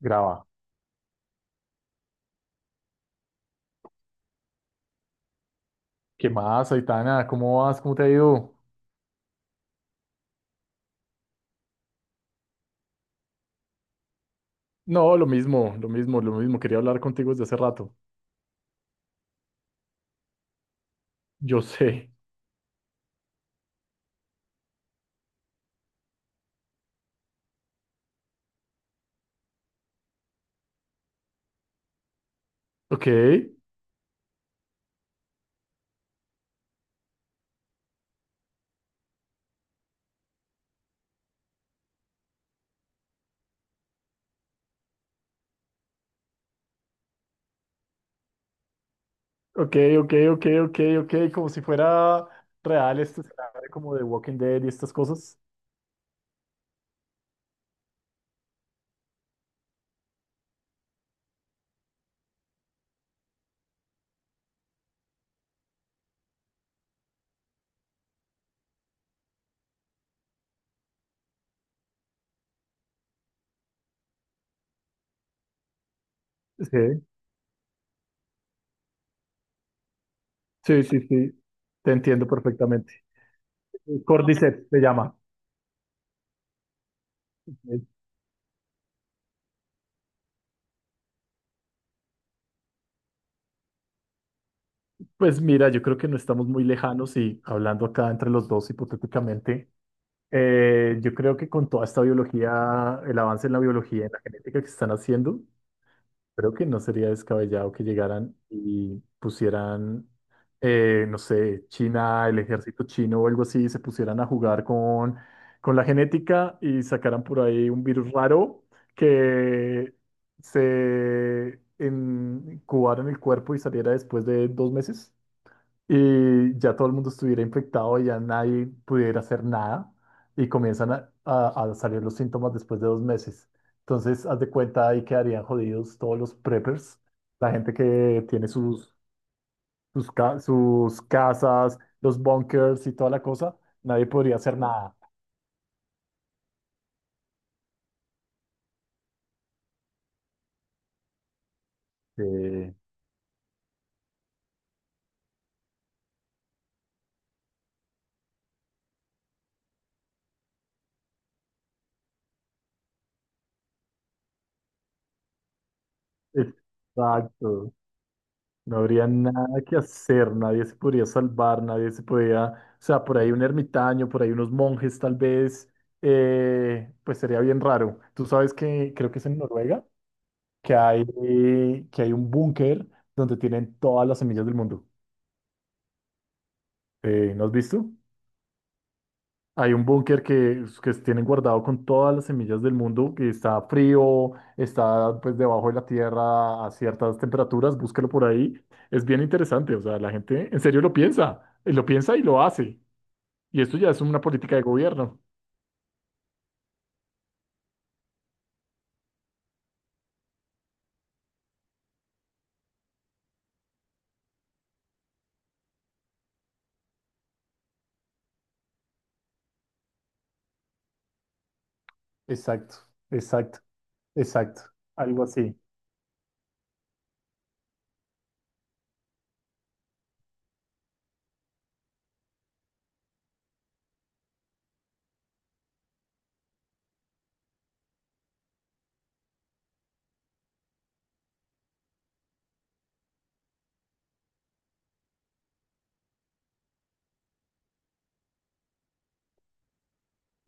Graba. ¿Qué más, Aitana? ¿Cómo vas? ¿Cómo te ha ido? No, lo mismo, lo mismo, lo mismo. Quería hablar contigo desde hace rato. Yo sé. Ok, ok, ok, ok, ok, ok. Como si fuera real este escenario como de Walking Dead y estas cosas. Sí, sí, sí, sí. Te entiendo perfectamente. Cordyceps se llama. Ok. Pues mira, yo creo que no estamos muy lejanos y hablando acá entre los dos hipotéticamente, yo creo que con toda esta biología, el avance en la biología y en la genética que se están haciendo, creo que no sería descabellado que llegaran y pusieran, no sé, China, el ejército chino o algo así, y se pusieran a jugar con la genética y sacaran por ahí un virus raro que incubara en el cuerpo y saliera después de 2 meses y ya todo el mundo estuviera infectado y ya nadie pudiera hacer nada y comienzan a salir los síntomas después de 2 meses. Entonces, haz de cuenta, ahí quedarían jodidos todos los preppers, la gente que tiene sus, sus casas, los bunkers y toda la cosa, nadie podría hacer nada. Sí, exacto. No habría nada que hacer, nadie se podría salvar, nadie se podía, o sea, por ahí un ermitaño, por ahí unos monjes tal vez, pues sería bien raro. Tú sabes que creo que es en Noruega, que hay, que hay un búnker donde tienen todas las semillas del mundo. ¿No has visto? Hay un búnker que tienen guardado con todas las semillas del mundo, que está frío, está pues debajo de la tierra a ciertas temperaturas, búsquelo por ahí. Es bien interesante, o sea, la gente en serio lo piensa, y lo piensa y lo hace. Y esto ya es una política de gobierno. Exacto, exacto, exacto. Algo así.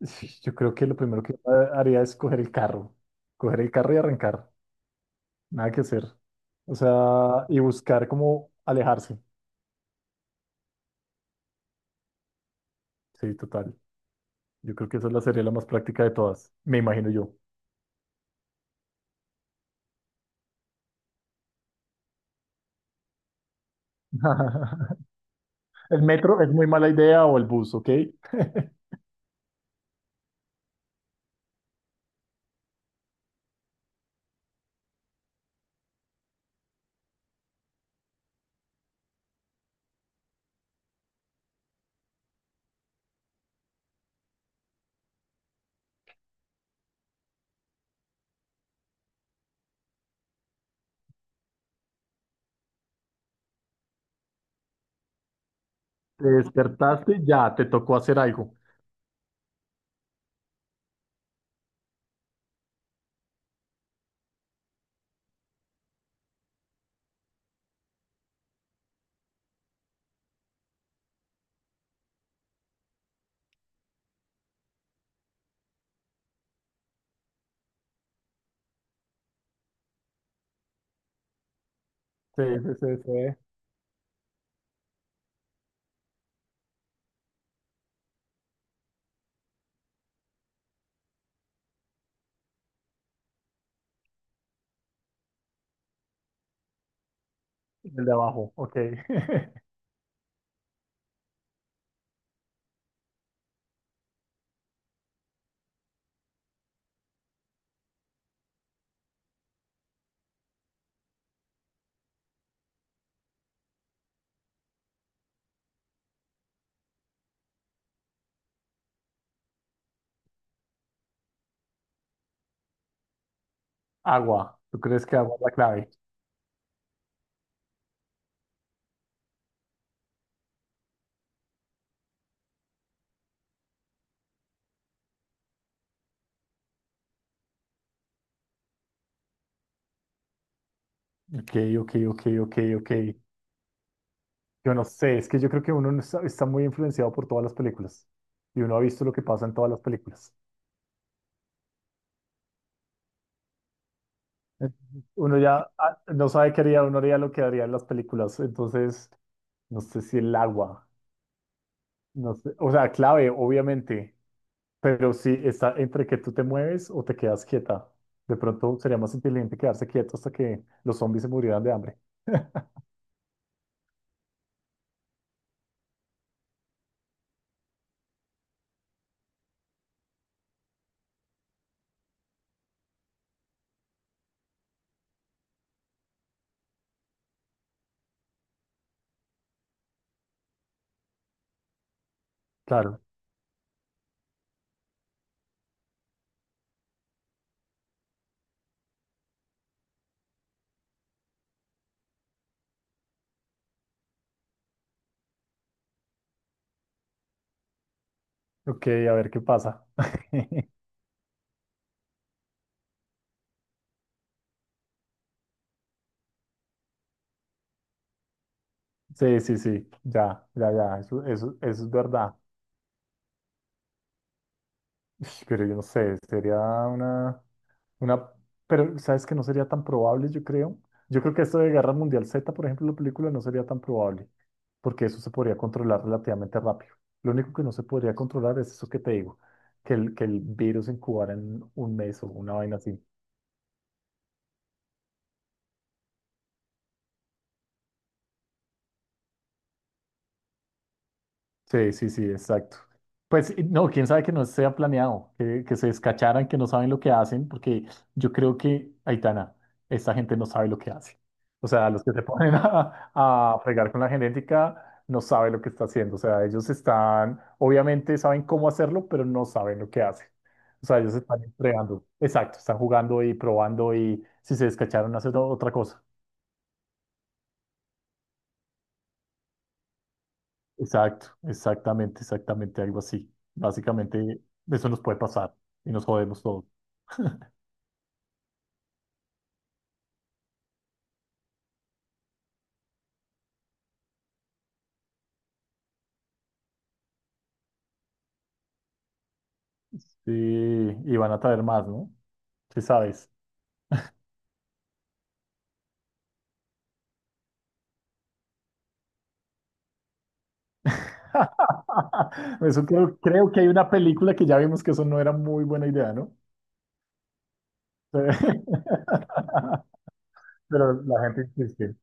Sí, yo creo que lo primero que haría es coger el carro y arrancar. Nada que hacer. O sea, y buscar cómo alejarse. Sí, total. Yo creo que esa es la sería la más práctica de todas, me imagino yo. El sí, metro es muy mala idea o el bus, ¿ok? Te despertaste, ya, te tocó hacer algo. Sí, sí, sí, sí. El de abajo, ok. Agua, ¿tú crees que agua es la clave? Ok, ok, ok, ok, ok. Yo no sé, es que yo creo que uno no está, está muy influenciado por todas las películas y uno ha visto lo que pasa en todas las películas. Entonces, uno ya no sabe qué haría, uno haría lo que haría en las películas, entonces no sé si el agua. No sé, o sea, clave, obviamente, pero si está entre que tú te mueves o te quedas quieta. De pronto sería más inteligente quedarse quieto hasta que los zombies se murieran de hambre. Claro. Ok, a ver qué pasa. Sí, sí, sí, ya, ya, ya, eso es verdad. Ish, pero yo no sé, sería una, una, pero sabes que no sería tan probable, yo creo. Yo creo que esto de Guerra Mundial Z, por ejemplo, la película no sería tan probable, porque eso se podría controlar relativamente rápido. Lo único que no se podría controlar es eso que te digo, que el virus incubara en 1 mes o una vaina así. Sí, sí, sí, exacto. Pues y no, quién sabe que no sea planeado, que se descacharan, que no saben lo que hacen, porque yo creo que, Aitana, esta gente no sabe lo que hace. O sea, los que se ponen a fregar con la genética no saben lo que está haciendo. O sea, ellos están, obviamente saben cómo hacerlo, pero no saben lo que hacen. O sea, ellos están entregando. Exacto, están jugando y probando y si se descacharon, hacen otra cosa. Exacto, exactamente, exactamente, algo así. Básicamente, eso nos puede pasar y nos jodemos todos. Sí, y van a traer más, ¿no? ¿Qué sabes? Eso creo, creo que hay una película que ya vimos que eso no era muy buena idea, ¿no? Pero la gente insiste.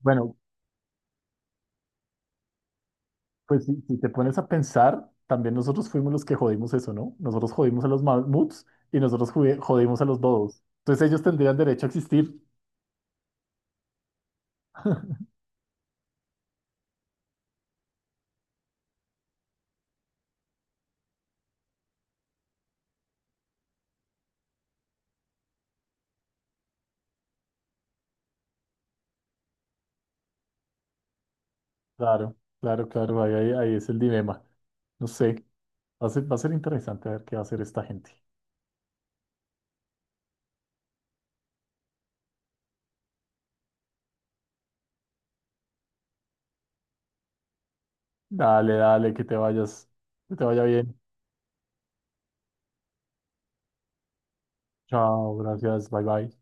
Bueno, pues si, si te pones a pensar, también nosotros fuimos los que jodimos eso, ¿no? Nosotros jodimos a los mamuts y nosotros jodimos a los dodos. Entonces ellos tendrían derecho a existir. Claro, claro, claro, ahí, ahí, ahí es el dilema. No sé, va a ser interesante ver qué va a hacer esta gente. Dale, dale, que te vayas, que te vaya bien. Chao, gracias, bye bye.